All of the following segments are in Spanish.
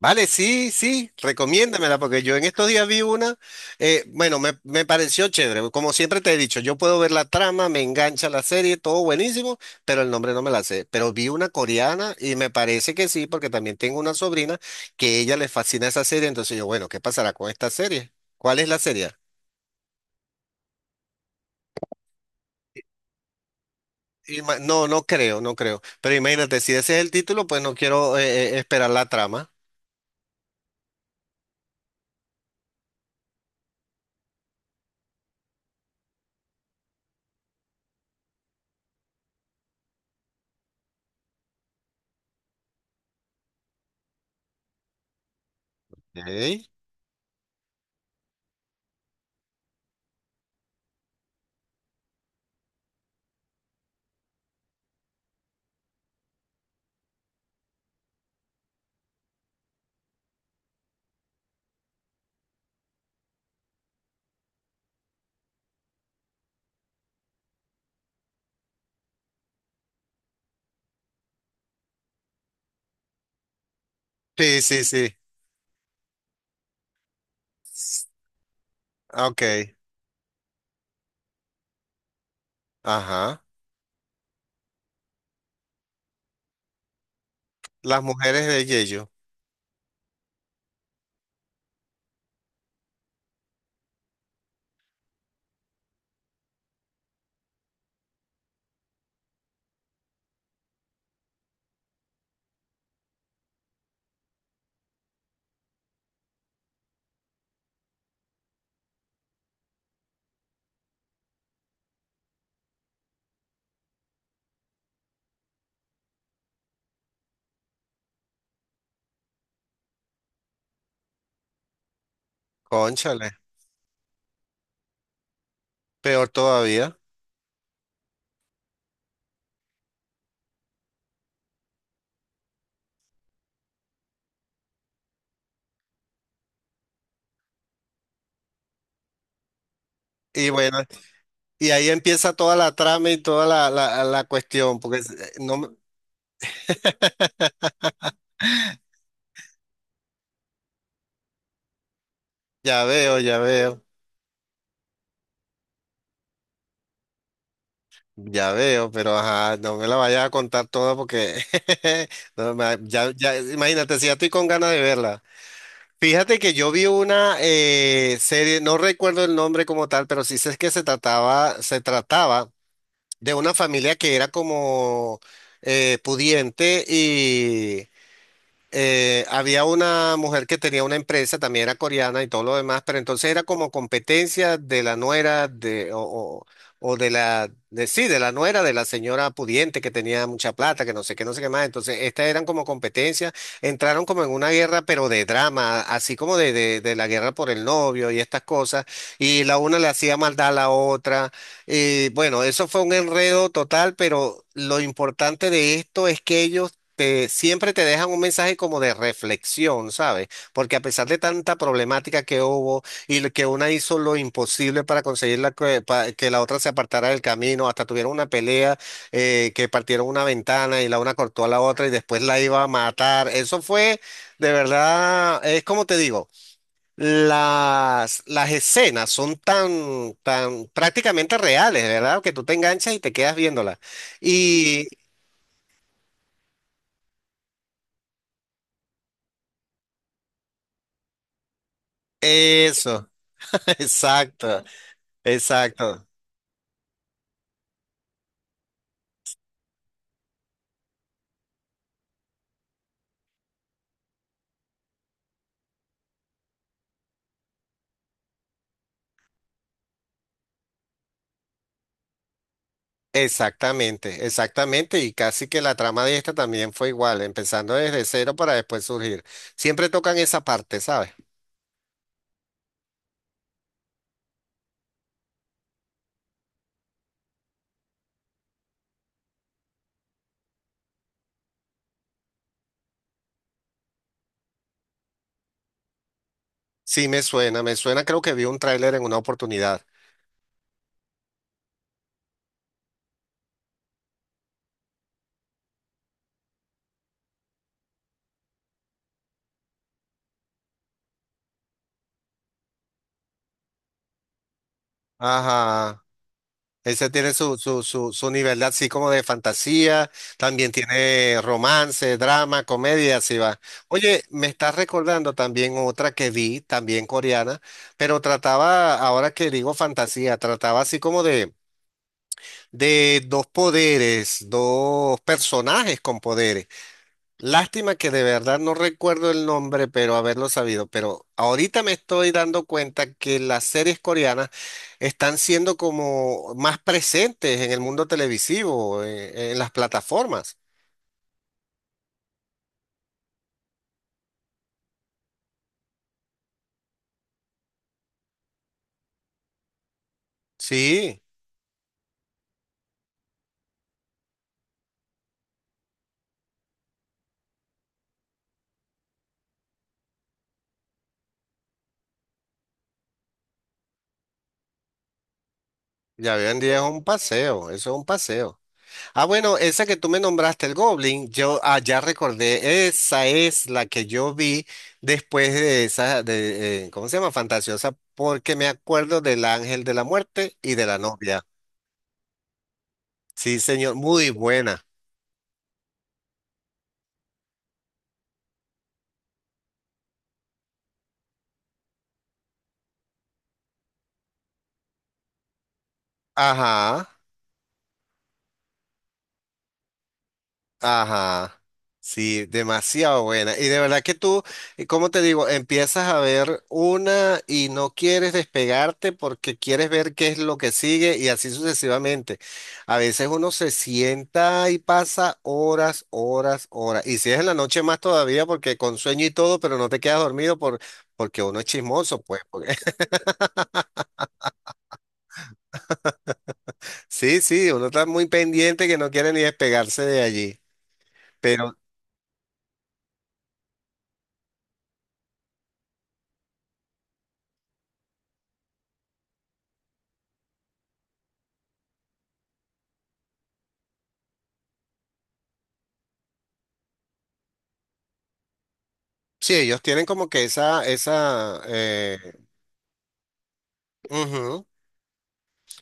Vale, sí, sí, recomiéndamela, porque yo en estos días vi una, me pareció chévere, como siempre te he dicho, yo puedo ver la trama, me engancha la serie, todo buenísimo, pero el nombre no me la sé, pero vi una coreana y me parece que sí, porque también tengo una sobrina que ella le fascina esa serie, entonces yo, bueno, ¿qué pasará con esta serie? ¿Cuál es la serie? No, no creo, no creo, pero imagínate, si ese es el título, pues no quiero esperar la trama. Ok. Sí, sí, sí. Ok, ajá. Las mujeres de Yeyo. Cónchale, peor todavía. Y bueno, y ahí empieza toda la trama y toda la cuestión, porque es- no me- Ya veo, ya veo, ya veo, pero ajá, no me la vayas a contar toda porque no, ma- ya, ya, imagínate, si ya estoy con ganas de verla. Fíjate que yo vi una serie, no recuerdo el nombre como tal, pero sí sé que se trataba de una familia que era como pudiente. Había una mujer que tenía una empresa, también era coreana y todo lo demás, pero entonces era como competencia de la nuera o de sí, de la nuera de la señora pudiente que tenía mucha plata, que no sé qué, no sé qué más. Entonces, estas eran como competencia, entraron como en una guerra, pero de drama, así como de la guerra por el novio y estas cosas, y la una le hacía maldad a la otra. Y bueno, eso fue un enredo total, pero lo importante de esto es que siempre te dejan un mensaje como de reflexión, ¿sabes? Porque a pesar de tanta problemática que hubo y lo que una hizo lo imposible para conseguir que la otra se apartara del camino, hasta tuvieron una pelea que partieron una ventana y la una cortó a la otra y después la iba a matar. Eso fue, de verdad, es como te digo. Las escenas son tan, tan prácticamente reales, ¿verdad? Que tú te enganchas y te quedas viéndolas. Y eso, exacto. Exacto, exactamente, exactamente. Y casi que la trama de esta también fue igual, empezando desde cero para después surgir. Siempre tocan esa parte, ¿sabes? Sí, me suena, creo que vi un tráiler en una oportunidad. Ajá. Ese tiene su, su nivel de así como de fantasía, también tiene romance, drama, comedia, así va. Oye, me estás recordando también otra que vi, también coreana, pero trataba, ahora que digo fantasía, trataba así como de dos poderes, dos personajes con poderes. Lástima que de verdad no recuerdo el nombre, pero haberlo sabido. Pero ahorita me estoy dando cuenta que las series coreanas están siendo como más presentes en el mundo televisivo, en las plataformas. Sí, ya hoy en día es un paseo, eso es un paseo. Ah, bueno, esa que tú me nombraste, el Goblin, yo ah, ya recordé, esa es la que yo vi después de esa, ¿cómo se llama? Fantasiosa, porque me acuerdo del Ángel de la Muerte y de la novia. Sí, señor, muy buena. Ajá. Ajá, sí, demasiado buena. Y de verdad que tú, cómo te digo, empiezas a ver una y no quieres despegarte porque quieres ver qué es lo que sigue y así sucesivamente. A veces uno se sienta y pasa horas, horas, horas. Y si es en la noche más todavía porque con sueño y todo, pero no te quedas dormido porque uno es chismoso, pues. Sí, sí, uno está muy pendiente que no quiere ni despegarse de allí. Pero sí, ellos tienen como que esa, ujú.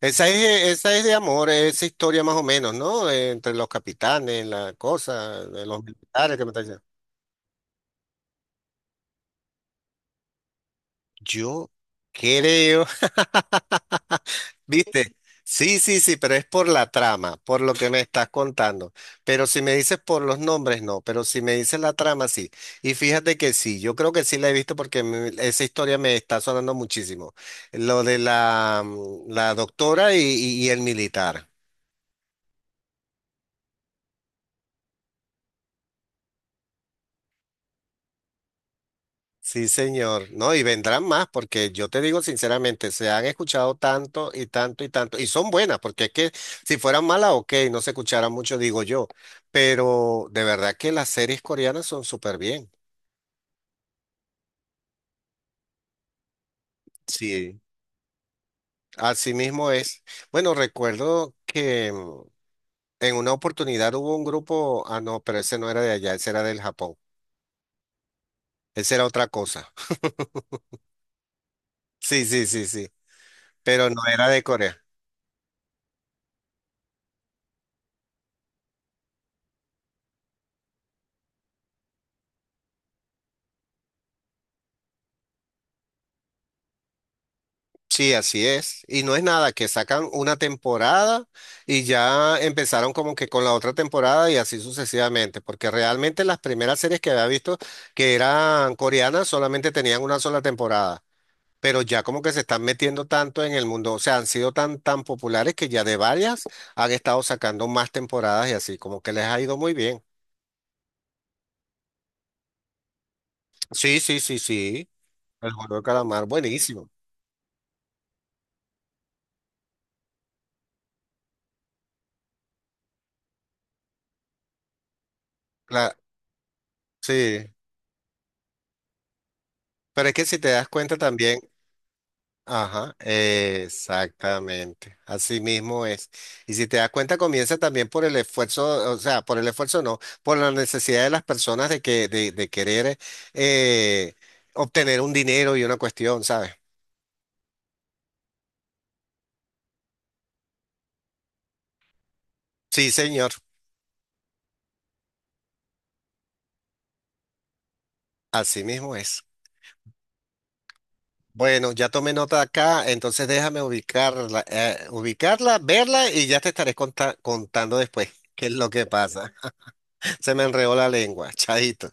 Esa es de amor, esa historia más o menos, ¿no? Entre los capitanes, la cosa, de los militares que me está diciendo. Yo creo, ¿viste? Sí, sí, sí, pero es por la trama, por lo que me estás contando. Pero si me dices por los nombres, no, pero si me dices la trama, sí. Y fíjate que sí, yo creo que sí la he visto esa historia me está sonando muchísimo. Lo de la, la doctora y, y el militar. Sí, señor. No, y vendrán más, porque yo te digo sinceramente, se han escuchado tanto y tanto y tanto, y son buenas, porque es que si fueran malas, ok, no se escucharan mucho, digo yo, pero de verdad que las series coreanas son súper bien. Sí. Así mismo es. Bueno, recuerdo que en una oportunidad hubo un grupo, ah, no, pero ese no era de allá, ese era del Japón, ese era otra cosa. Sí, sí, sí, sí, pero no era de Corea. Sí, así es. Y no es nada, que sacan una temporada y ya empezaron como que con la otra temporada y así sucesivamente, porque realmente las primeras series que había visto que eran coreanas solamente tenían una sola temporada, pero ya como que se están metiendo tanto en el mundo, o sea, han sido tan, tan populares que ya de varias han estado sacando más temporadas y así, como que les ha ido muy bien. Sí, sí, sí, sí. El juego de calamar, buenísimo. La, sí. Pero es que si te das cuenta también. Ajá, exactamente, así mismo es. Y si te das cuenta, comienza también por el esfuerzo, o sea, por el esfuerzo no, por la necesidad de las personas de querer eh, obtener un dinero y una cuestión, ¿sabes? Sí, señor, así mismo es. Bueno, ya tomé nota acá, entonces déjame ubicarla, ubicarla, verla y ya te estaré contando después qué es lo que pasa. Se me enredó la lengua, chadito.